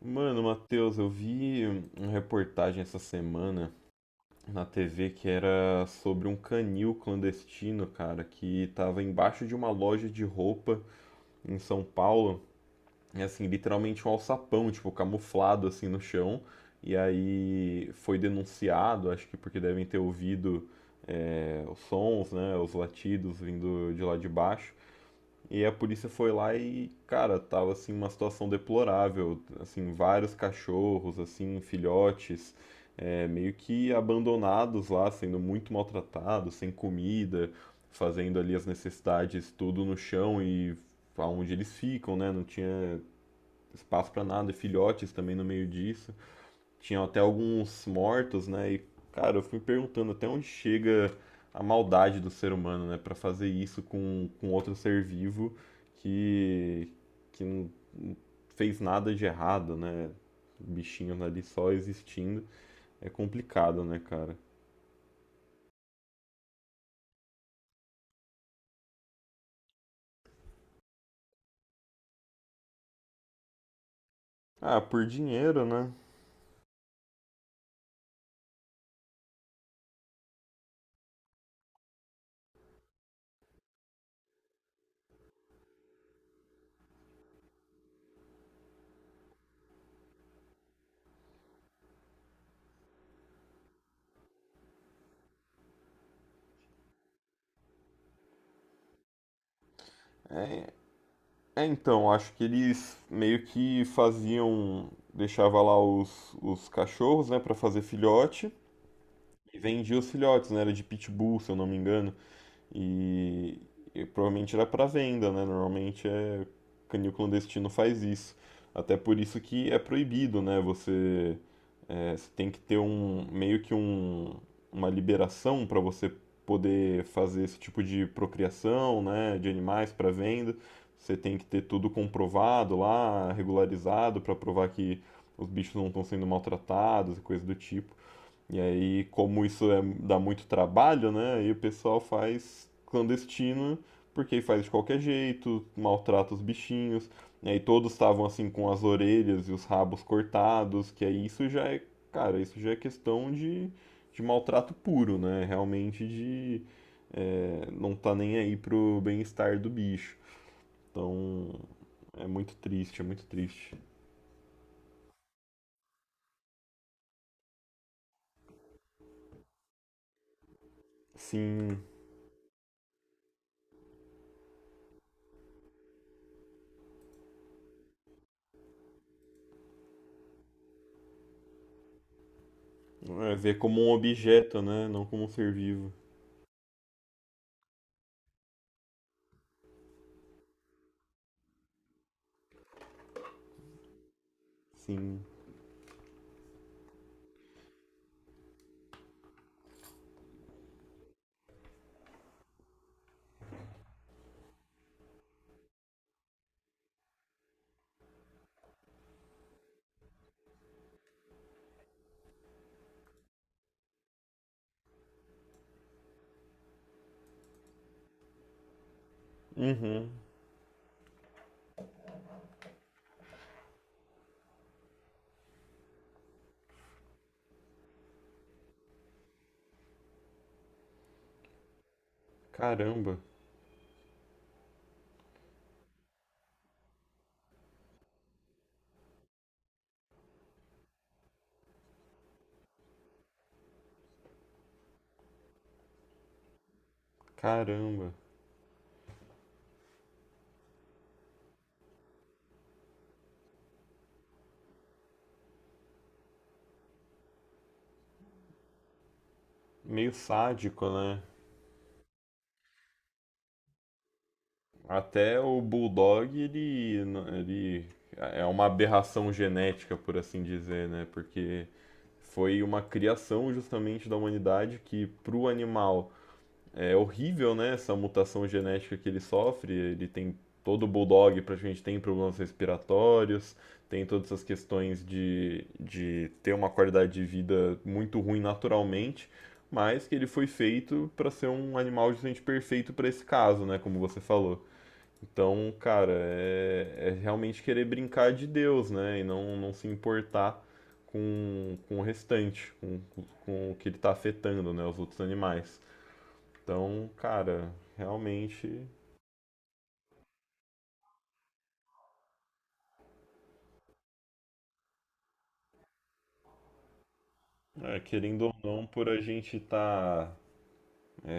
Mano, Matheus, eu vi uma reportagem essa semana na TV que era sobre um canil clandestino, cara, que tava embaixo de uma loja de roupa em São Paulo, e assim, literalmente um alçapão, tipo, camuflado assim no chão, e aí foi denunciado, acho que porque devem ter ouvido os sons, né, os latidos vindo de lá de baixo. E a polícia foi lá e, cara, tava assim uma situação deplorável, assim, vários cachorros, assim, filhotes, meio que abandonados lá, sendo muito maltratados, sem comida, fazendo ali as necessidades tudo no chão e aonde eles ficam, né? Não tinha espaço pra nada, e filhotes também no meio disso tinha até alguns mortos, né? E, cara, eu fui perguntando até onde chega a maldade do ser humano, né? Pra fazer isso com outro ser vivo que, que não fez nada de errado, né? Bichinhos ali só existindo. É complicado, né, cara? Ah, por dinheiro, né? É, então, acho que eles meio que faziam. Deixava lá os cachorros, né, pra fazer filhote. E vendia os filhotes, né? Era de pitbull, se eu não me engano. E, e provavelmente era para venda, né? Normalmente é canil clandestino faz isso. Até por isso que é proibido, né? Você, você tem que ter um meio que um, uma liberação para você poder fazer esse tipo de procriação, né, de animais para venda. Você tem que ter tudo comprovado lá, regularizado para provar que os bichos não estão sendo maltratados e coisa do tipo. E aí, como isso é- dá muito trabalho, né? Aí o pessoal faz clandestino, porque faz de qualquer jeito, maltrata os bichinhos. E aí todos estavam assim com as orelhas e os rabos cortados, que aí isso já é, cara, isso já é questão de maltrato puro, né? Realmente de não tá nem aí pro bem-estar do bicho. Então, é muito triste, é muito triste. Sim, é ver como um objeto, né? Não como um ser vivo. Sim. Uhum. Caramba, caramba. Meio sádico, né? Até o Bulldog, ele é uma aberração genética, por assim dizer, né? Porque foi uma criação justamente da humanidade que, para o animal, é horrível, né? Essa mutação genética que ele sofre. Ele tem todo o bulldog praticamente tem problemas respiratórios, tem todas essas questões de ter uma qualidade de vida muito ruim naturalmente, mas que ele foi feito para ser um animal justamente perfeito para esse caso, né? Como você falou. Então, cara, é, é realmente querer brincar de Deus, né? E não, não se importar com o restante, com o que ele está afetando, né? Os outros animais. Então, cara, realmente, é, querendo ou não, por a gente estar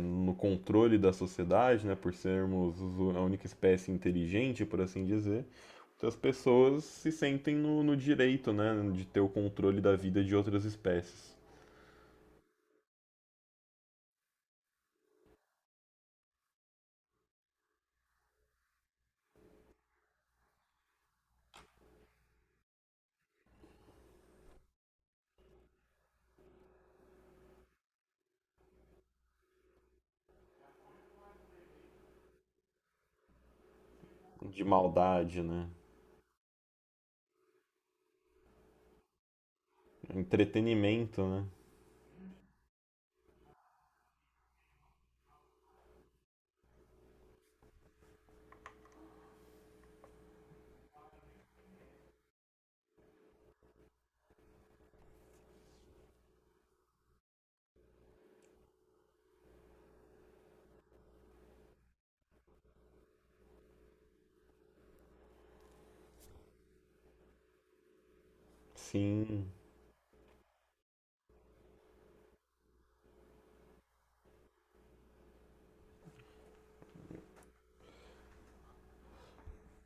no controle da sociedade, né, por sermos os- a única espécie inteligente, por assim dizer, então as pessoas se sentem no, no direito, né, de ter o controle da vida de outras espécies, de maldade, né, entretenimento, né, sim,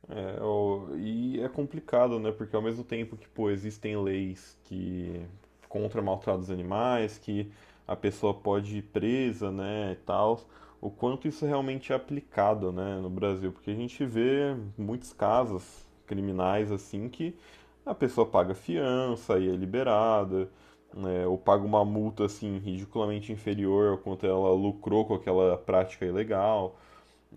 é, o- e é complicado, né? Porque ao mesmo tempo que, pô, existem leis que contra maltratos animais, que a pessoa pode ir presa, né, e tal, o quanto isso realmente é aplicado, né, no Brasil, porque a gente vê muitos casos criminais assim que a pessoa paga fiança e é liberada, né, ou paga uma multa assim ridiculamente inferior ao quanto ela lucrou com aquela prática ilegal.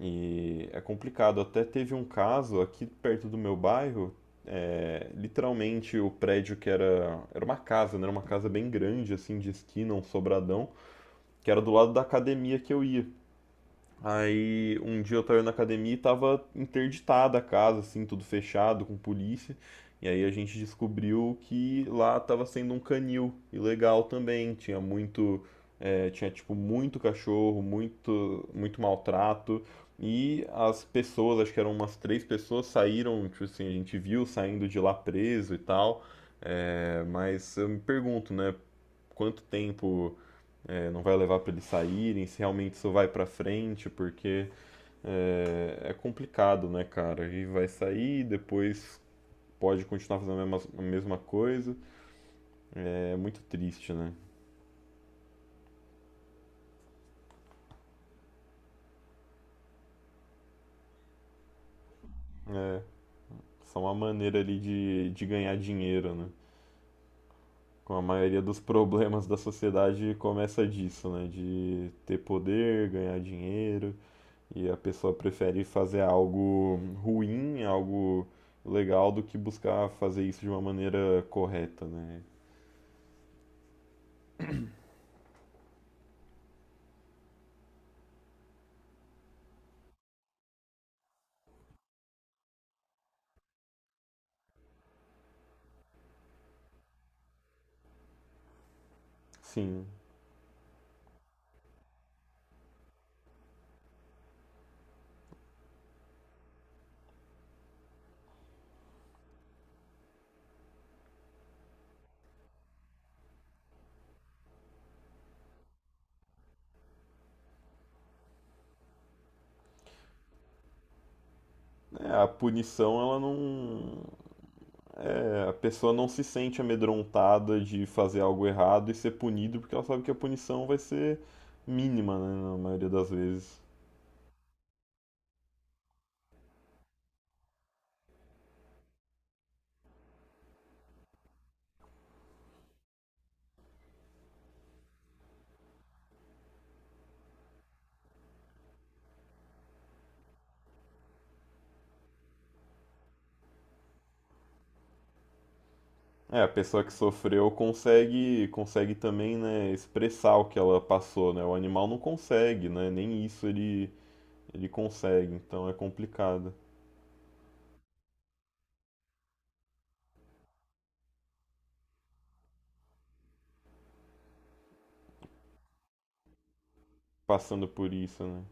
E é complicado. Até teve um caso aqui perto do meu bairro, literalmente o prédio que era, era uma casa, né? Era uma casa bem grande, assim, de esquina, um sobradão, que era do lado da academia que eu ia. Aí um dia eu tava na academia e tava interditada a casa, assim, tudo fechado, com polícia. E aí a gente descobriu que lá tava sendo um canil ilegal também. Tinha muito, tinha tipo muito cachorro, muito, muito maltrato. E as pessoas, acho que eram umas três pessoas, saíram, tipo assim, a gente viu saindo de lá preso e tal. É, mas eu me pergunto, né, quanto tempo não vai levar para eles saírem, se realmente isso vai para frente, porque é, é complicado, né, cara? E vai sair, depois pode continuar fazendo a mesma coisa. É muito triste, né? É só uma maneira ali de ganhar dinheiro, né? Com a maioria dos problemas da sociedade começa disso, né? De ter poder, ganhar dinheiro, e a pessoa prefere fazer algo ruim, algo legal do que buscar fazer isso de uma maneira correta, né? Sim. É, a punição, ela não. É, a pessoa não se sente amedrontada de fazer algo errado e ser punido, porque ela sabe que a punição vai ser mínima, né, na maioria das vezes. É, a pessoa que sofreu consegue, consegue também, né, expressar o que ela passou, né? O animal não consegue, né? Nem isso ele, ele consegue, então é complicado. Passando por isso, né?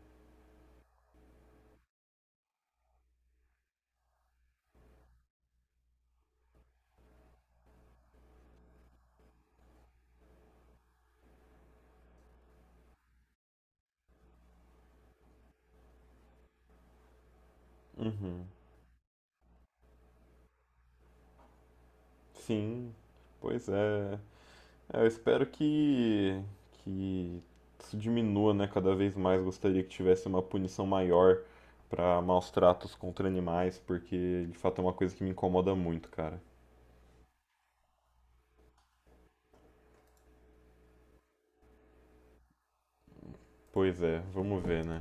Uhum. Sim, pois é. É, eu espero que isso diminua, né? Cada vez mais gostaria que tivesse uma punição maior para maus tratos contra animais, porque de fato é uma coisa que me incomoda muito, cara. Pois é, vamos ver, né?